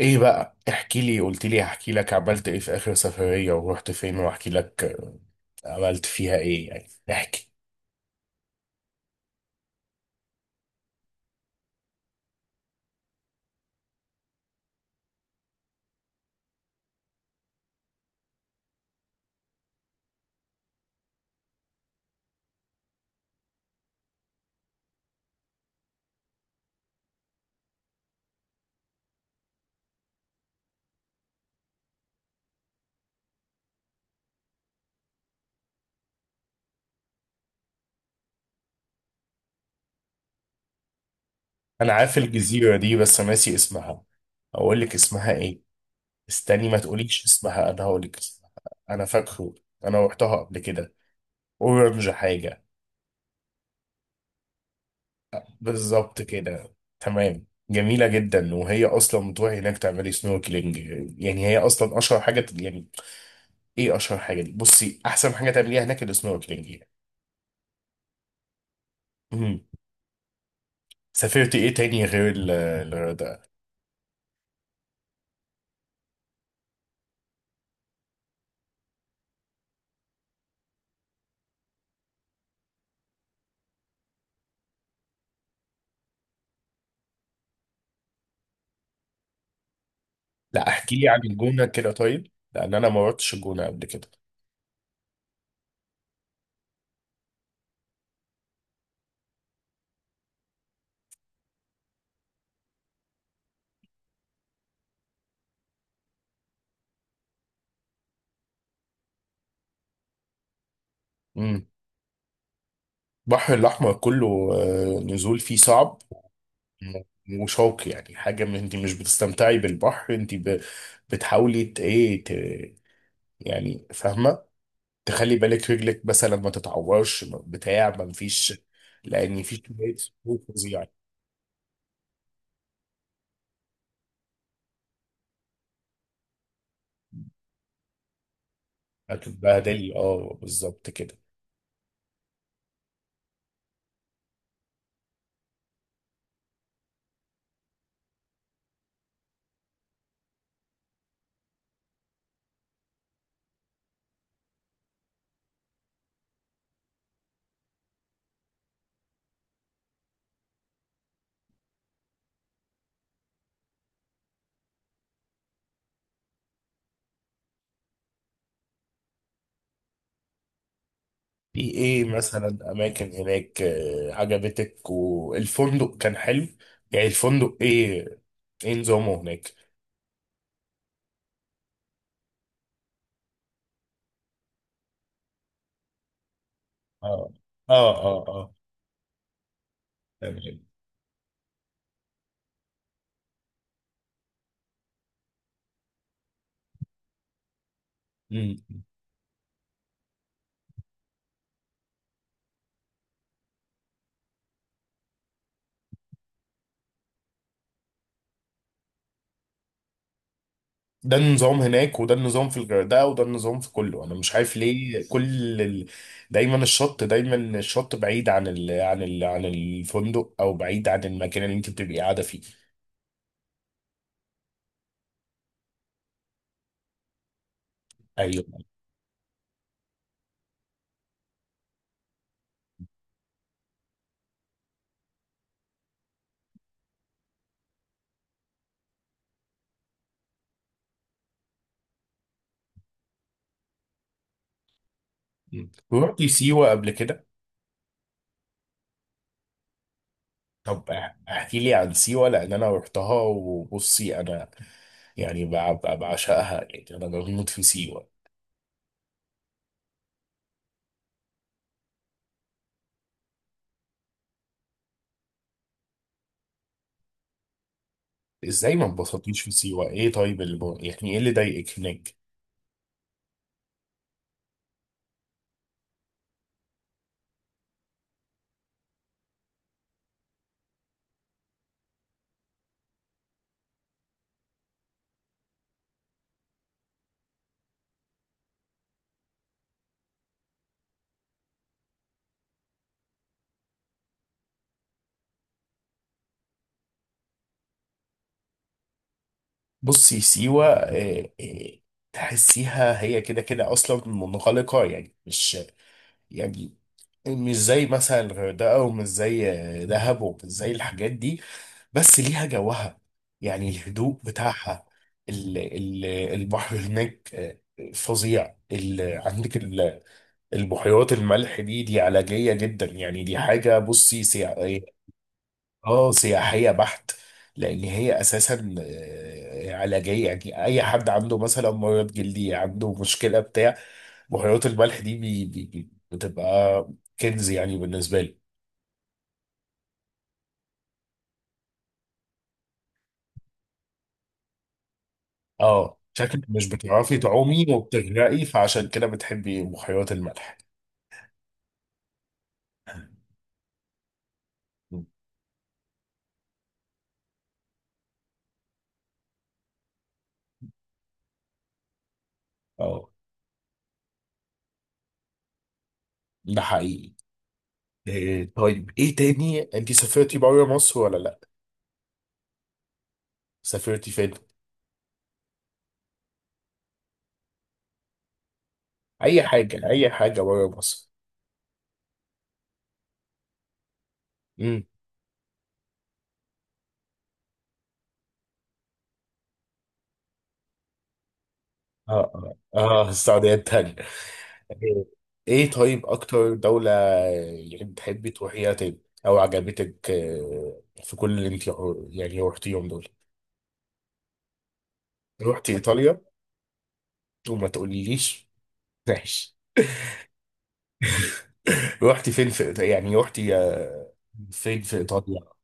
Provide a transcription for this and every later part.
ايه بقى، احكي لي. قلت لي هحكي لك عملت ايه في اخر سفرية ورحت فين واحكي لك. عملت فيها ايه يعني؟ احكي. انا عارف الجزيرة دي بس ناسي اسمها. اقول لك اسمها ايه؟ استني ما تقوليش اسمها، انا هقول لك اسمها. انا فاكره، انا رحتها قبل كده. اورنج حاجة. بالظبط كده، تمام. جميلة جدا، وهي اصلا بتروحي هناك تعملي سنوركلينج. يعني هي اصلا اشهر حاجة يعني. ايه اشهر حاجة دي؟ بصي، احسن حاجة تعمليها هناك السنوركلينج يعني. سافرت ايه تاني غير الغردقة؟ لا، احكي لي عن الجونة كده طيب، لان انا ما رحتش الجونة قبل كده. امم. البحر الاحمر كله، نزول فيه صعب. وشوك يعني، حاجة. من انت مش بتستمتعي بالبحر، انت بتحاولي ايه يعني فاهمة، تخلي بالك رجلك مثلا ما تتعورش، بتاع، ما مفيش. لان في كمية صخور فظيعة. هتتبهدلي، اه بالظبط كده. في ايه مثلا اماكن هناك عجبتك؟ والفندق كان حلو؟ يعني الفندق ايه؟ ايه نظامه هناك؟ اه اه اه اه، تمام. مم. ده النظام هناك، وده النظام في الغردقه، وده النظام في كله. انا مش عارف ليه. دايما الشط، دايما الشط بعيد عن الفندق، او بعيد عن المكان اللي انت بتبقي قاعده فيه. ايوه. مم. رحتي سيوه قبل كده؟ طب احكي لي عن سيوه، لان انا رحتها، وبصي انا يعني بعشقها يعني، انا بموت في سيوه. ازاي ما انبسطتيش في سيوه؟ ايه طيب اللي يعني ايه اللي ضايقك هناك؟ بصي، سيوه إيه إيه، تحسيها هي كده كده اصلا منغلقه، يعني مش يعني مش زي مثلا الغردقه، ومش زي دهب، ومش زي الحاجات دي. بس ليها جوها، يعني الهدوء بتاعها. البحر هناك فظيع. عندك البحيرات الملح دي، دي علاجية جدا. يعني دي حاجة بصي سياحية. اه، سياحية بحت. لأن هي أساسا علاجية. يعني أي حد عنده مثلا مرض جلدي، عنده مشكلة، بتاع، بحيرات الملح دي بي بي بي بتبقى كنز يعني بالنسبة لي. اه شكلك مش بتعرفي تعومي وبتغرقي، فعشان كده بتحبي بحيرات الملح. اه، ده حقيقي. إيه طيب ايه تاني؟ انت سافرتي بره مصر ولا لا؟ سافرتي فين؟ اي حاجه، اي حاجه بره مصر. امم. اه اه اه، السعوديه التانية. ايه إيه طيب اكتر دوله يعني بتحبي تروحيها تاني، او عجبتك في كل اللي انت يعني رحتيهم دول؟ رحتي ايطاليا وما تقوليليش؟ ماشي. رحتي فين في يعني رحتي فين في ايطاليا؟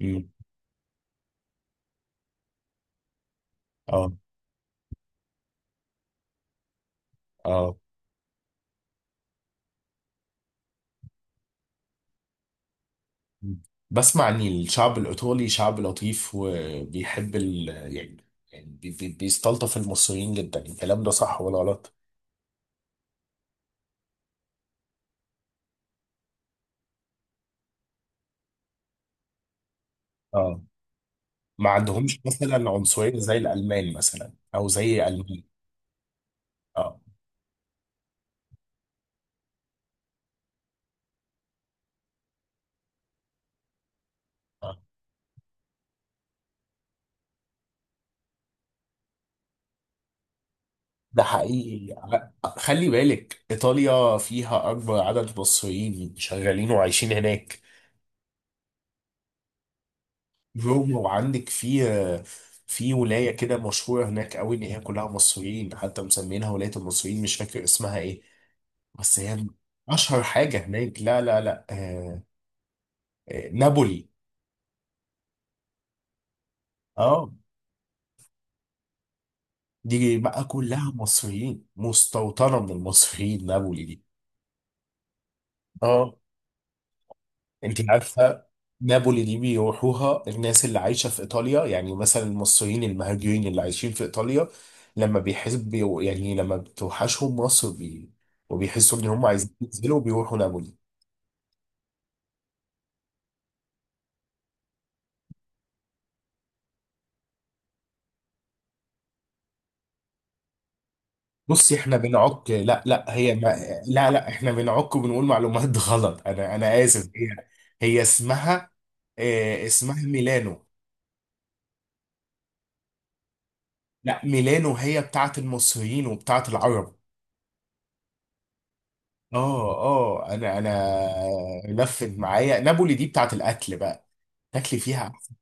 مم. اه اه. بسمع ان الشعب الايطالي شعب لطيف وبيحب ال، يعني، يعني بيستلطف المصريين جدا. الكلام ده صح ولا غلط؟ اه. ما عندهمش مثلا عنصرية زي الالمان مثلا او زي المانيا؟ اه. آه. ده حقيقي. خلي بالك ايطاليا فيها اكبر عدد مصريين شغالين وعايشين هناك. روما، وعندك في، في ولاية كده مشهورة هناك قوي ان هي كلها مصريين، حتى مسمينها ولاية المصريين. مش فاكر اسمها ايه، بس هي اشهر حاجه هناك. لا لا لا، آه، آه، نابولي. اه، دي بقى كلها مصريين، مستوطنه من المصريين نابولي دي. اه انت عارفه، نابولي دي بيروحوها الناس اللي عايشه في ايطاليا، يعني مثلا المصريين المهاجرين اللي عايشين في ايطاليا، لما بيحسوا، يعني لما بتوحشهم مصر بي، وبيحسوا ان هم عايزين ينزلوا، بيروحوا نابولي. بصي احنا بنعك، لا لا هي ما... لا لا احنا بنعك وبنقول معلومات غلط. انا، انا اسف. هي، هي اسمها، اه اسمها ميلانو. لا، ميلانو هي بتاعت المصريين وبتاعت العرب. اه اه، انا لفت معايا نابولي دي بتاعت الاكل بقى، تاكلي فيها أحسن.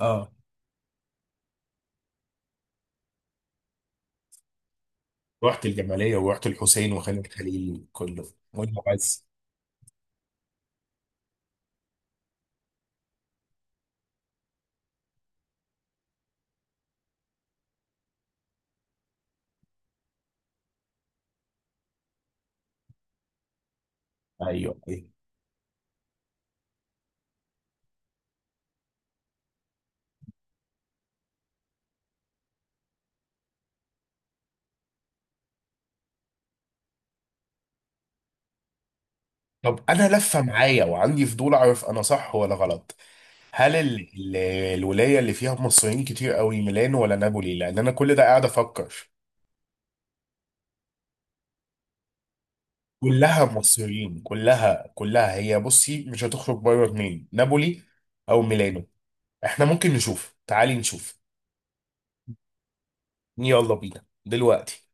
اه رحت الجمالية ورحت الحسين وخان الخليل كله. والمعز. ايوه ايوه. طب انا لفه معايا وعندي فضول اعرف انا صح ولا غلط. هل ال... الولايه اللي فيها مصريين كتير قوي ميلان ولا نابولي؟ لان انا كل ده قاعد افكر. كلها مصريين، كلها كلها. هي بصي مش هتخرج بره اتنين، نابولي او ميلانو. احنا ممكن نشوف، تعالي نشوف. يلا بينا دلوقتي.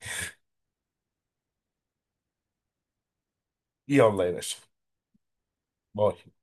يلا يا باشا. باي.